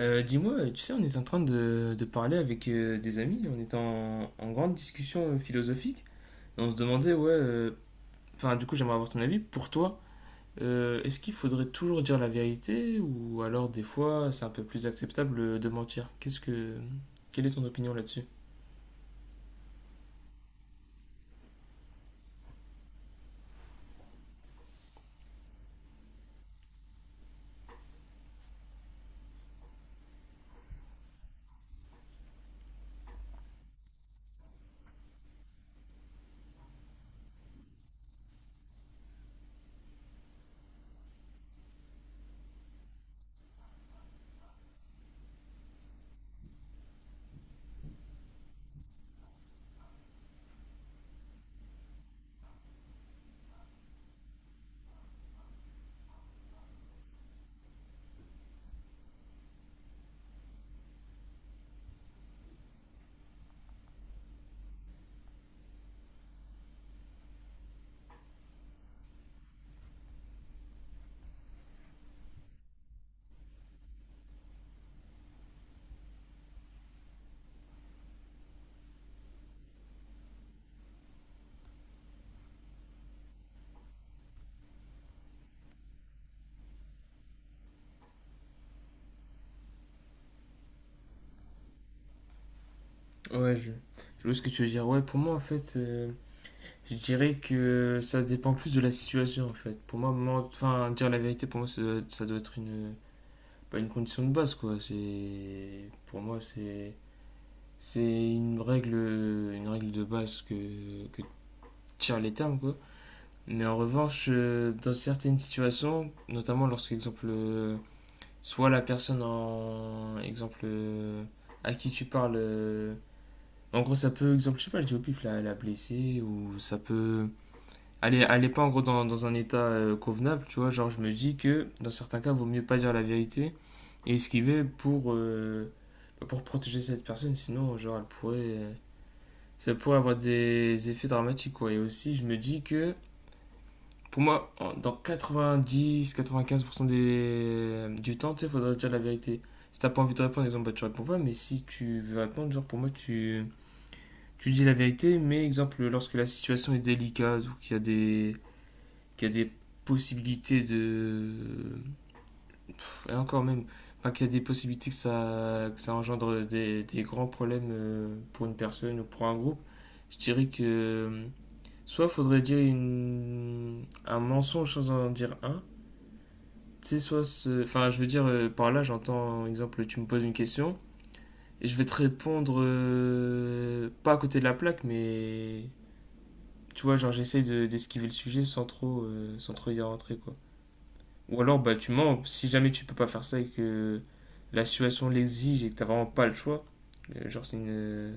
Dis-moi, tu sais, on est en train de parler avec des amis, on est en grande discussion philosophique, et on se demandait, ouais, enfin, du coup, j'aimerais avoir ton avis. Pour toi, est-ce qu'il faudrait toujours dire la vérité, ou alors des fois, c'est un peu plus acceptable de mentir? Quelle est ton opinion là-dessus? Ouais, je vois ce que tu veux dire. Ouais, pour moi, en fait, je dirais que ça dépend plus de la situation, en fait. Pour moi, enfin, dire la vérité, pour moi, ça doit être une pas une condition de base, quoi. C'est, pour moi, c'est une règle de base que tirent les termes, quoi. Mais en revanche, dans certaines situations, notamment lorsque, exemple, soit la personne en, exemple, à qui tu parles, en gros, ça peut, exemple, je sais pas, je dis au pif, la blesser, ou ça peut, elle est pas en gros dans un état convenable, tu vois, genre, je me dis que, dans certains cas, il vaut mieux pas dire la vérité, et esquiver pour, bah, pour protéger cette personne, sinon genre elle pourrait, ça pourrait avoir des effets dramatiques quoi. Et aussi je me dis que pour moi dans 90-95% des du temps tu sais faudrait dire la vérité. Si t'as pas envie de répondre exemple bah, tu réponds pas, mais si tu veux répondre genre pour moi tu dis la vérité, mais exemple lorsque la situation est délicate ou qu'il y a des possibilités de Et encore même, enfin, qu'il y a des possibilités que ça engendre des grands problèmes pour une personne ou pour un groupe, je dirais que soit faudrait dire une, un mensonge sans en dire un, tu sais, soit, enfin, je veux dire, par là, j'entends, exemple, tu me poses une question, et je vais te répondre, pas à côté de la plaque, mais, tu vois, genre, d'esquiver le sujet sans trop, sans trop y rentrer, quoi. Ou alors, bah, tu mens. Si jamais tu peux pas faire ça et que la situation l'exige et que t'as vraiment pas le choix, genre, c'est une.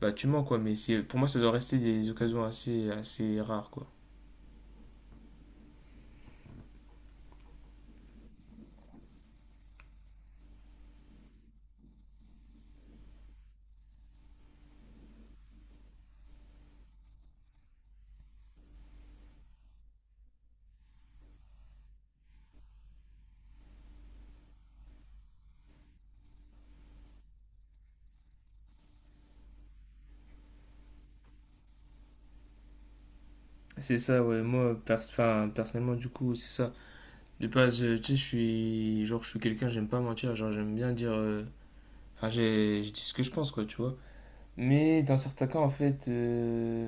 Bah, tu mens, quoi. Mais c'est pour moi, ça doit rester des occasions assez, assez rares, quoi. C'est ça, ouais. Moi, enfin, personnellement, du coup, c'est ça. De base, tu sais, je suis. Genre, je suis quelqu'un, j'aime pas mentir. Genre, j'aime bien dire. Enfin, je dis ce que je pense, quoi, tu vois. Mais dans certains cas, en fait.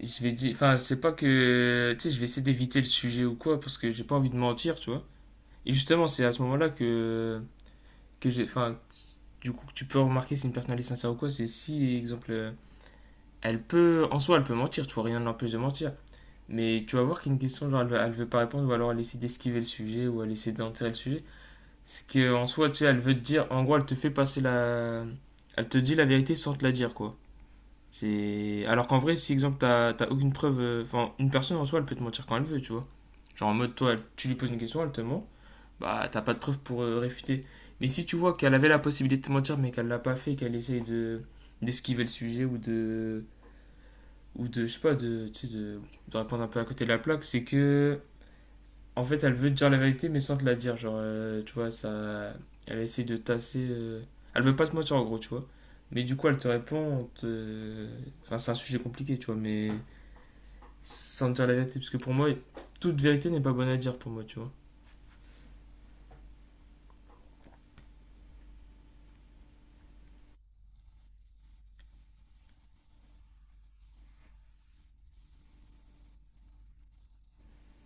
Je vais dire, enfin, c'est pas que, tu sais, je vais essayer d'éviter le sujet ou quoi, parce que j'ai pas envie de mentir, tu vois. Et justement, c'est à ce moment-là que j'ai. Enfin, du coup, que tu peux remarquer si une personne elle est sincère ou quoi. C'est si, exemple, elle peut. En soi, elle peut mentir, tu vois, rien ne l'empêche de mentir. Mais tu vas voir qu'il y a une question, genre, elle veut pas répondre, ou alors elle essaie d'esquiver le sujet, ou elle essaie d'enterrer le sujet. C'est qu'en soi, tu sais, elle veut te dire. En gros, elle te fait passer la. Elle te dit la vérité sans te la dire, quoi. C'est… Alors qu'en vrai, si, exemple, t'as aucune preuve. Enfin, une personne en soi, elle peut te mentir quand elle veut, tu vois. Genre en mode, toi, tu lui poses une question, elle te ment bah t'as pas de preuves pour réfuter. Mais si tu vois qu'elle avait la possibilité de mentir mais qu'elle l'a pas fait, qu'elle essaye de d'esquiver le sujet ou de je sais pas de tu sais, de répondre un peu à côté de la plaque, c'est que en fait elle veut te dire la vérité mais sans te la dire, genre tu vois ça elle essaie de tasser elle veut pas te mentir en gros, tu vois. Mais du coup elle te répond, enfin c'est un sujet compliqué, tu vois, mais sans te dire la vérité parce que pour moi toute vérité n'est pas bonne à dire pour moi, tu vois.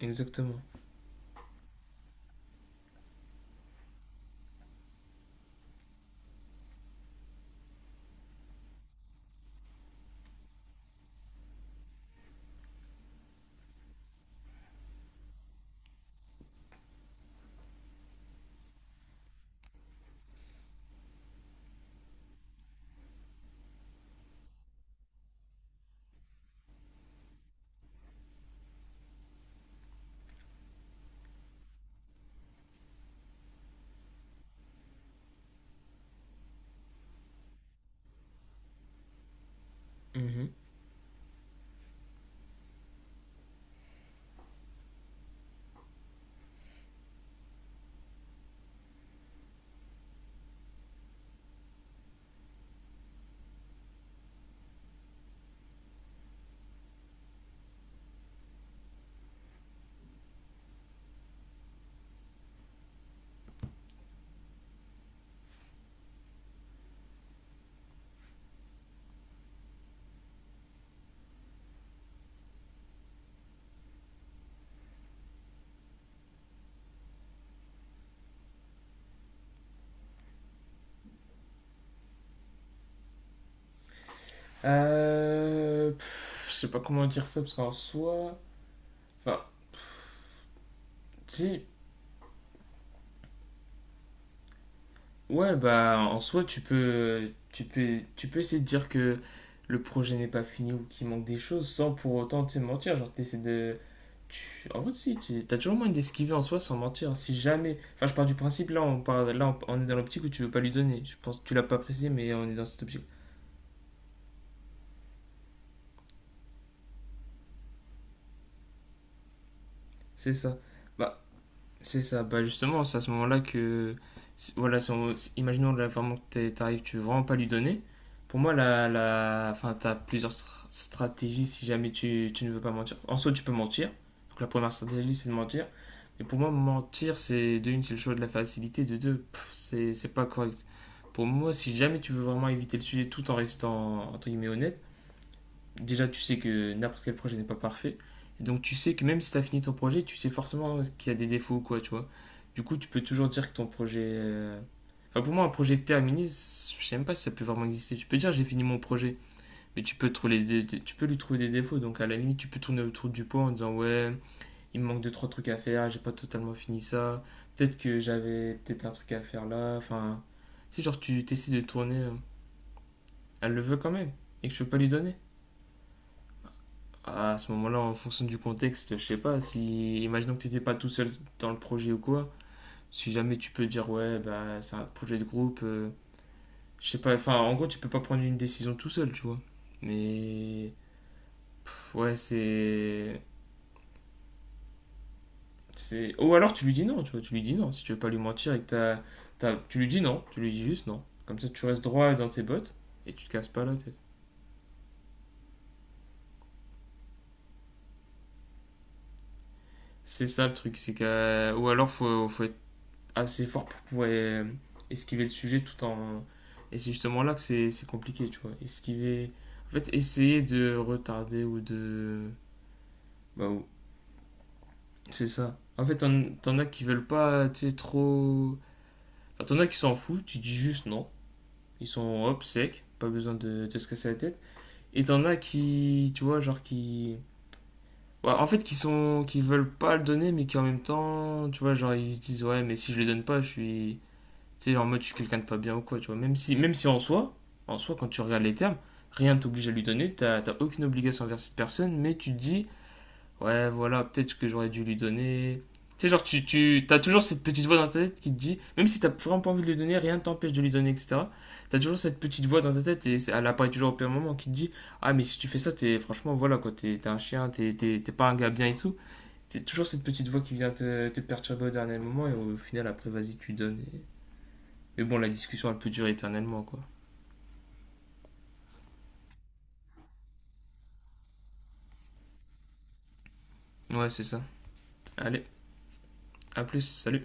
Exactement. Mhm. Pff, je sais pas comment dire ça parce qu'en soi, enfin, si, ouais, bah en soi tu peux essayer de dire que le projet n'est pas fini ou qu'il manque des choses sans pour autant te mentir. Genre en vrai si, t'as toujours moyen d'esquiver en soi sans mentir. Si jamais, enfin, je pars du principe là, on parle, là, on est dans l'optique où tu veux pas lui donner. Je pense, tu l'as pas précisé, mais on est dans cette optique. C'est ça. Bah, c'est ça, bah justement, c'est à ce moment-là voilà, si on- si- imaginons là, vraiment que t'arrives, tu veux vraiment pas lui donner. Pour moi, enfin, t'as plusieurs stratégies si jamais tu ne veux pas mentir. En soi, tu peux mentir. Donc la première stratégie, c'est de mentir. Mais pour moi, mentir, c'est de une, c'est le choix de la facilité, de deux, pff, c'est pas correct. Pour moi, si jamais tu veux vraiment éviter le sujet tout en restant, entre guillemets, honnête, déjà tu sais que n'importe quel projet n'est pas parfait. Et donc tu sais que même si tu as fini ton projet, tu sais forcément qu'il y a des défauts ou quoi, tu vois. Du coup, tu peux toujours dire que ton projet… Enfin, pour moi, un projet terminé, je sais même pas si ça peut vraiment exister. Tu peux dire j'ai fini mon projet, mais tu peux, trouver tu peux lui trouver des défauts. Donc à la limite, tu peux tourner autour du pot en disant ouais, il me manque deux trois trucs à faire, j'ai pas totalement fini ça. Peut-être que j'avais peut-être un truc à faire là. Enfin, tu sais, genre tu t'essaies de tourner, elle le veut quand même, et que je peux pas lui donner. À ce moment-là, en fonction du contexte, je sais pas, si, imaginons que tu n'étais pas tout seul dans le projet ou quoi, si jamais tu peux dire, ouais, bah, c'est un projet de groupe, je sais pas, enfin, en gros, tu peux pas prendre une décision tout seul, tu vois. Mais, pff, ouais, c'est. Ou alors tu lui dis non, tu vois, tu lui dis non, si tu veux pas lui mentir et que tu lui dis non, tu lui dis juste non. Comme ça, tu restes droit dans tes bottes et tu te casses pas la tête. C'est ça le truc, c'est que. Ou alors, faut être assez fort pour pouvoir esquiver le sujet tout en. Et c'est justement là que c'est compliqué, tu vois. Esquiver. En fait, essayer de retarder ou de. Bah, c'est ça. En fait, t'en as qui veulent pas, tu sais, trop. Enfin, t'en as qui s'en foutent, tu dis juste non. Ils sont hop, secs pas besoin de se casser la tête. Et t'en as qui, tu vois, genre qui. Ouais, en fait, qui sont, qui veulent pas le donner, mais qui en même temps, tu vois, genre ils se disent ouais, mais si je le donne pas, je suis, tu sais, en mode, je suis quelqu'un de pas bien ou quoi, tu vois. Même si en soi, en soi, quand tu regardes les termes, rien t'oblige à lui donner, t'as aucune obligation envers cette personne, mais tu te dis, ouais, voilà, peut-être que j'aurais dû lui donner. Tu sais, genre, tu as toujours cette petite voix dans ta tête qui te dit, même si t'as vraiment pas envie de lui donner, rien ne t'empêche de lui donner, etc. T'as toujours cette petite voix dans ta tête et elle apparaît toujours au pire moment qui te dit, ah, mais si tu fais ça, t'es franchement, voilà, quoi, t'es un chien, t'es pas un gars bien et tout. C'est toujours cette petite voix qui vient te perturber au dernier moment et au final, après, vas-y, tu donnes. Mais bon, la discussion, elle peut durer éternellement, quoi. Ouais, c'est ça. Allez, à plus, salut.